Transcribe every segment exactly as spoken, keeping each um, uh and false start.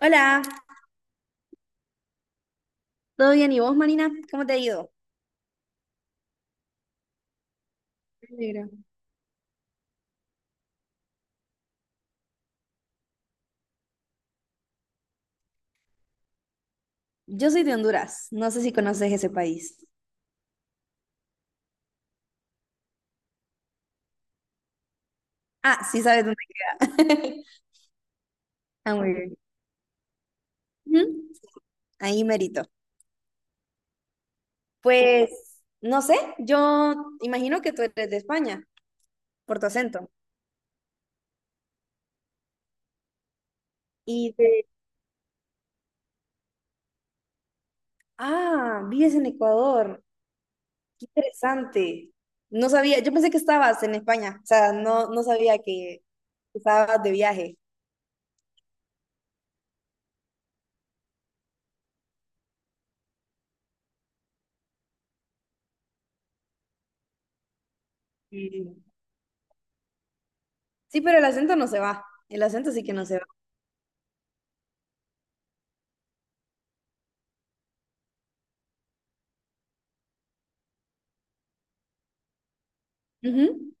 Hola, ¿todo bien? ¿Y vos, Marina? ¿Cómo te ha ido? Me alegra. Yo soy de Honduras, no sé si conoces ese país. Ah, sí sabes dónde. Ah, muy bien. Ujú, ahí merito. Pues, no sé, yo imagino que tú eres de España, por tu acento. Y de... Ah, vives en Ecuador, qué interesante. No sabía, yo pensé que estabas en España, o sea, no, no sabía que estabas de viaje. Sí, sí, pero el acento no se va, el acento sí que no se va. Ujú.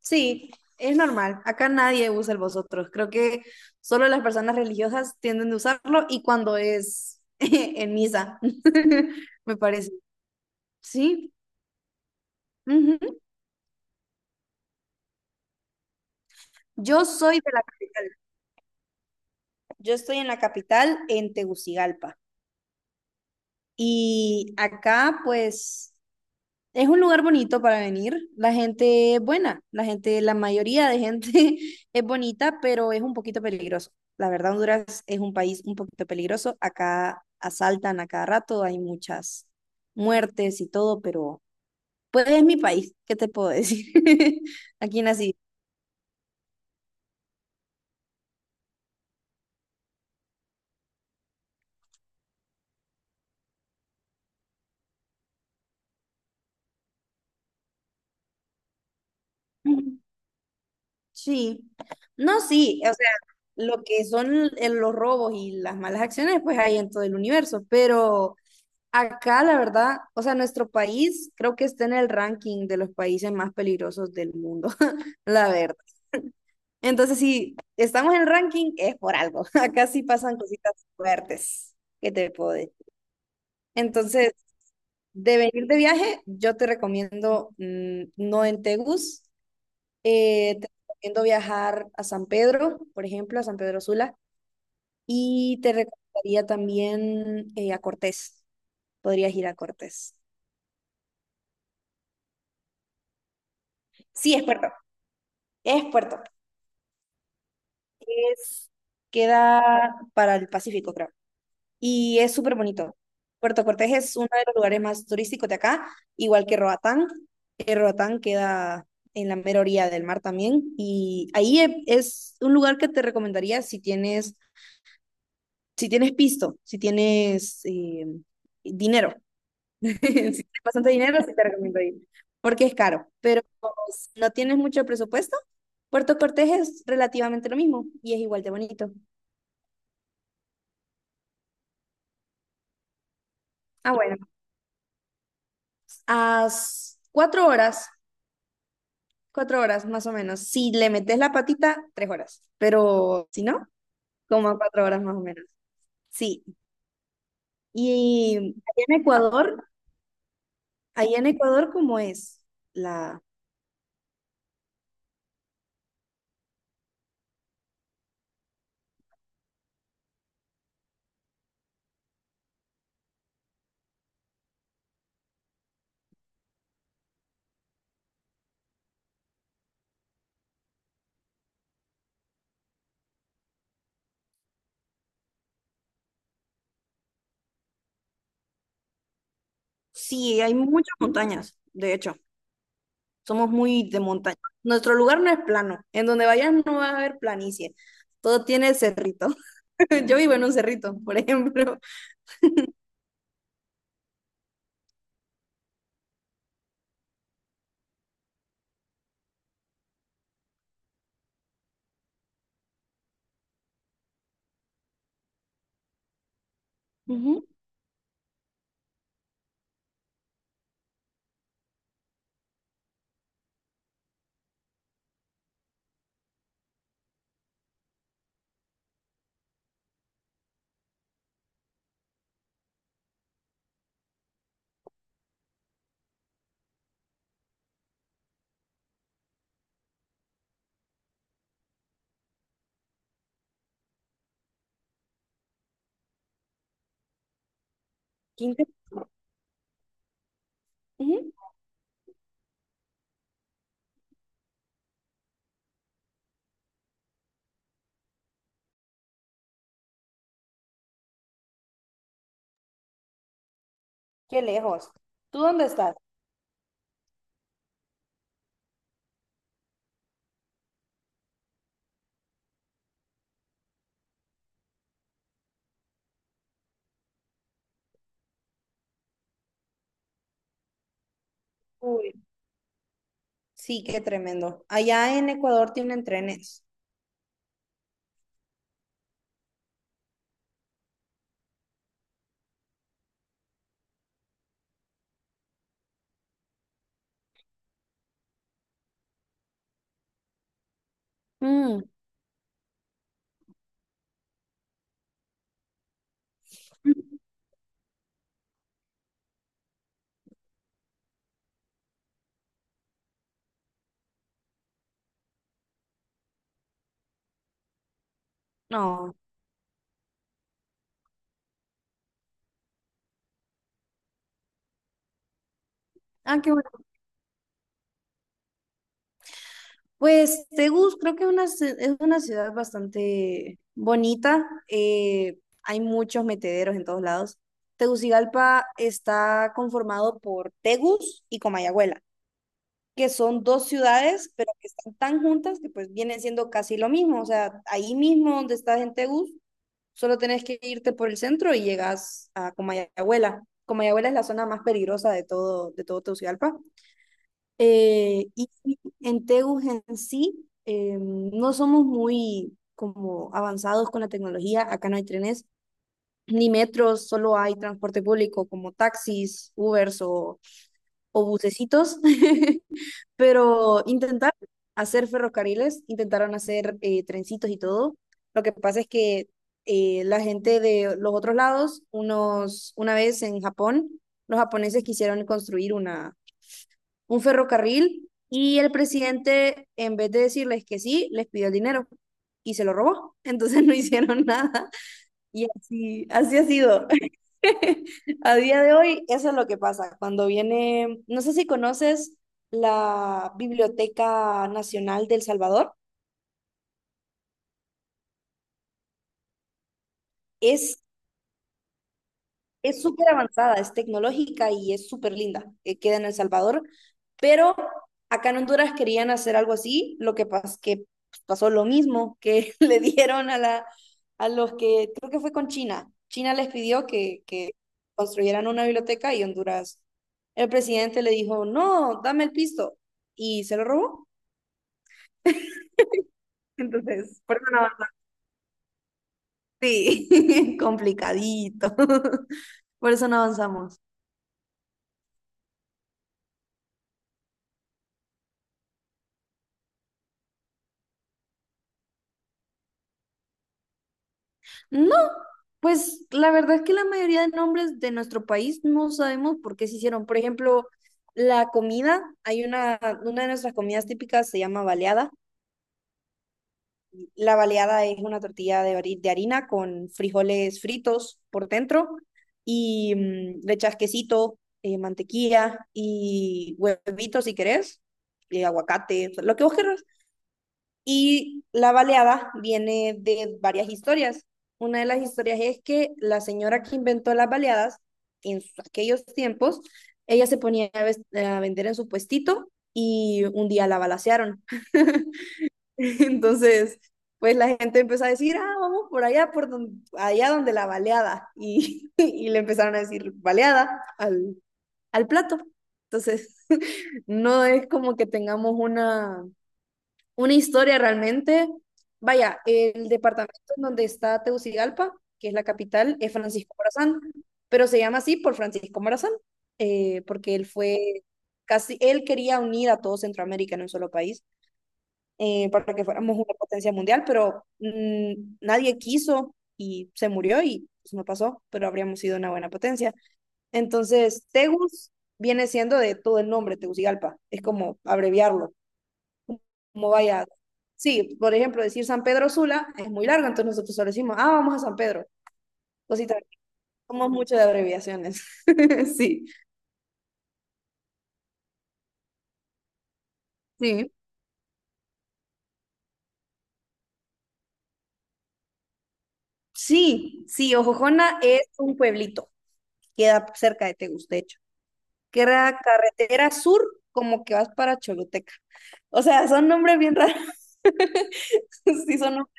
Sí, es normal. Acá nadie usa el vosotros. Creo que solo las personas religiosas tienden a usarlo y cuando es en misa, me parece. Sí. Ujú. Yo soy de la capital. Yo estoy en la capital, en Tegucigalpa. Y acá, pues, es un lugar bonito para venir. La gente es buena, la gente, la mayoría de gente es bonita, pero es un poquito peligroso. La verdad, Honduras es un país un poquito peligroso. Acá asaltan a cada rato, hay muchas muertes y todo, pero pues es mi país, ¿qué te puedo decir? Aquí nací. Ujú. Sí. No, sí, o sea, lo que son el- los robos y las malas acciones, pues hay en todo el universo, pero acá, la verdad, o sea, nuestro país creo que está en el ranking de los países más peligrosos del mundo, la verdad. Entonces, si estamos en el ranking, es por algo. Acá sí pasan cositas fuertes que te puedo decir. Entonces, de venir de viaje, yo te recomiendo mm, no en Tegus, eh, te recomiendo viajar a San Pedro, por ejemplo, a San Pedro Sula, y te recomendaría también eh, a Cortés. Podrías ir a Cortés. Sí, es puerto. Es puerto. Es, queda para el Pacífico, creo. Y es súper bonito. Puerto Cortés es uno de los lugares más turísticos de acá, igual que Roatán. Que Roatán queda en la mera orilla del mar también. Y ahí e- es un lugar que te recomendaría si tienes, si tienes pisto, si tienes eh, dinero. Si tienes bastante dinero, sí te recomiendo ir, porque es caro. Pero si no tienes mucho presupuesto, Puerto Cortés es relativamente lo mismo y es igual de bonito. Ah, bueno. a s- cuatro horas, cuatro horas más o menos. Si le metes la patita, tres horas. Pero si no, como a cuatro horas más o menos. Sí. Y allá en Ecuador, allá en Ecuador, ¿cómo es la... Sí, hay muchas montañas, de hecho, somos muy de montaña. Nuestro lugar no es plano. En donde vayas no vas a ver planicie. Todo tiene cerrito. Yo vivo en un cerrito, por ejemplo. Ujú. Qué inter- ujú. Qué lejos. ¿Tú dónde estás? Uy. Sí, qué tremendo. Allá en Ecuador tienen trenes. Mm, no. Ah, qué bueno. Pues Tegus creo que una ci- es una ciudad bastante bonita. Eh, hay muchos metederos en todos lados. Tegucigalpa está conformado por Tegus y Comayagüela, que son dos ciudades, pero que están tan juntas que pues vienen siendo casi lo mismo. O sea, ahí mismo donde estás en Tegus, solo tenés que irte por el centro y llegas a Comayagüela. Comayagüela es la zona más peligrosa de todo, de todo Tegucigalpa. Eh, y sí, en Tegus en sí, eh, no somos muy como avanzados con la tecnología. Acá no hay trenes ni metros, solo hay transporte público como taxis, Ubers o, o bucecitos. Pero intentaron hacer ferrocarriles, intentaron hacer eh, trencitos y todo. Lo que pasa es que eh, la gente de los otros lados, unos, una vez en Japón, los japoneses quisieron construir una, un ferrocarril y el presidente, en vez de decirles que sí, les pidió el dinero y se lo robó. Entonces no hicieron nada. Y así, así ha sido. A día de hoy, eso es lo que pasa. Cuando viene, no sé si conoces la Biblioteca Nacional del Salvador, es es súper avanzada, es tecnológica y es súper linda. Eh, queda en El Salvador, pero acá en Honduras querían hacer algo así, lo que, pas que pasó lo mismo que le dieron a, la, a los que, creo que fue con China. China les pidió que, que construyeran una biblioteca y Honduras, el presidente le dijo, no, dame el pisto. Y se lo robó. Entonces, por eso no avanzamos. Sí, complicadito. Por eso no avanzamos. No, pues la verdad es que la mayoría de nombres de nuestro país no sabemos por qué se hicieron. Por ejemplo, la comida, hay una, una de nuestras comidas típicas se llama baleada. La baleada es una tortilla de, hari- de harina con frijoles fritos por dentro y mm, le echas quesito, eh, mantequilla y huevitos si querés, y aguacate, o sea, lo que vos querrás. Y la baleada viene de varias historias. Una de las historias es que la señora que inventó las baleadas en sus- aquellos tiempos, ella se ponía a, ves- a vender en su puestito y un día la balacearon. Entonces, pues la gente empezó a decir, ah, vamos por allá, por donde, allá donde la baleada. Y, y le empezaron a decir baleada al, al plato. Entonces, no es como que tengamos una una historia realmente. Vaya, el departamento en donde está Tegucigalpa, que es la capital, es Francisco Morazán, pero se llama así por Francisco Morazán, eh, porque él fue casi, él quería unir a todo Centroamérica en un solo país eh, para que fuéramos una potencia mundial, pero mm, nadie quiso y se murió y pues, no pasó, pero habríamos sido una buena potencia. Entonces, Tegus viene siendo de todo el nombre, Tegucigalpa, es como abreviarlo. Cómo vaya. Sí, por ejemplo, decir San Pedro Sula es muy largo, entonces nosotros solo decimos, ah, vamos a San Pedro. Cosita, somos mucho de abreviaciones. Sí, sí. Sí, sí, Ojojona es un pueblito, queda cerca de Tegustecho. Queda carretera sur, como que vas para Choluteca. O sea, son nombres bien raros. Sí, son nombres.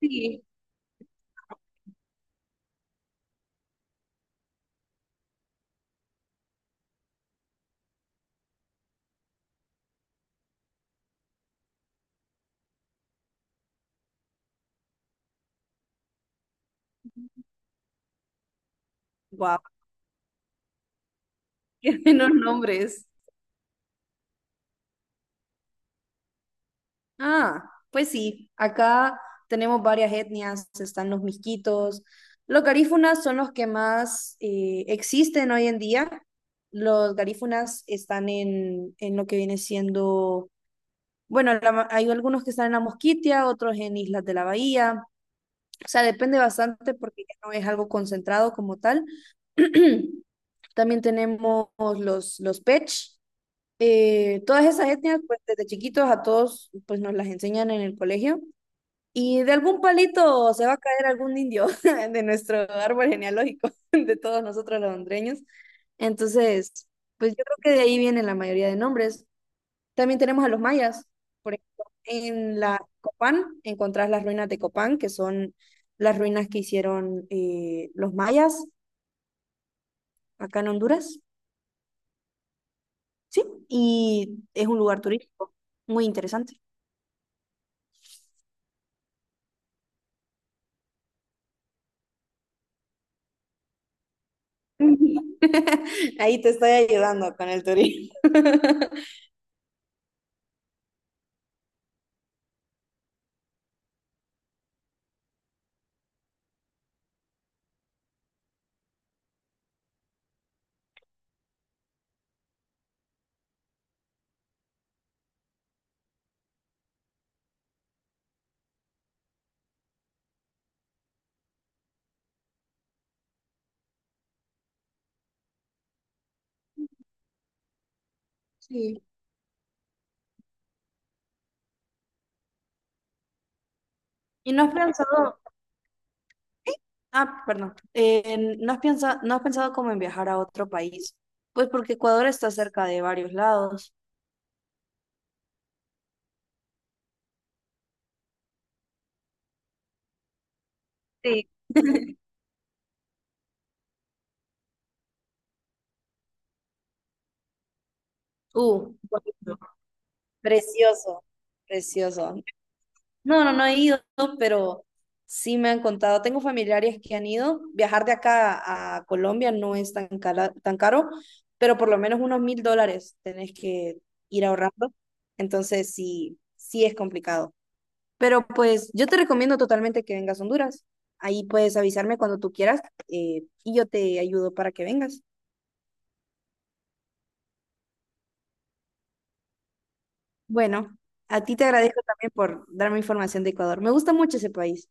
Sí, wow, qué buenos nombres. Ah, pues sí, acá tenemos varias etnias, están los miskitos. Los garífunas son los que más eh, existen hoy en día. Los garífunas están en, en lo que viene siendo, bueno, la ma- hay algunos que están en la Mosquitia, otros en Islas de la Bahía, o sea, depende bastante porque ya no es algo concentrado como tal. También tenemos los, los Pech, eh, todas esas etnias, pues desde chiquitos a todos, pues nos las enseñan en el colegio y de algún palito se va a caer algún indio de nuestro árbol genealógico, de todos nosotros los hondureños. Entonces, pues yo creo que de ahí vienen la mayoría de nombres. También tenemos a los mayas. Por ejemplo, en la Copán encontrás las ruinas de Copán, que son las ruinas que hicieron eh, los mayas acá en Honduras. Sí, y es un lugar turístico muy interesante. Ahí te estoy ayudando con el turismo. Sí. ¿Y no has pensado, ah, perdón, eh, no has pensado, no has pensado como en viajar a otro país? Pues porque Ecuador está cerca de varios lados. Sí, uh, bonito. Precioso, precioso. No, no, no he ido, pero sí me han contado. Tengo familiares que han ido. Viajar de acá a Colombia no es tan cala- tan caro, pero por lo menos unos mil dólares tenés que ir ahorrando. Entonces sí, sí es complicado. Pero pues yo te recomiendo totalmente que vengas a Honduras. Ahí puedes avisarme cuando tú quieras eh, y yo te ayudo para que vengas. Bueno, a ti te agradezco también por darme información de Ecuador. Me gusta mucho ese país.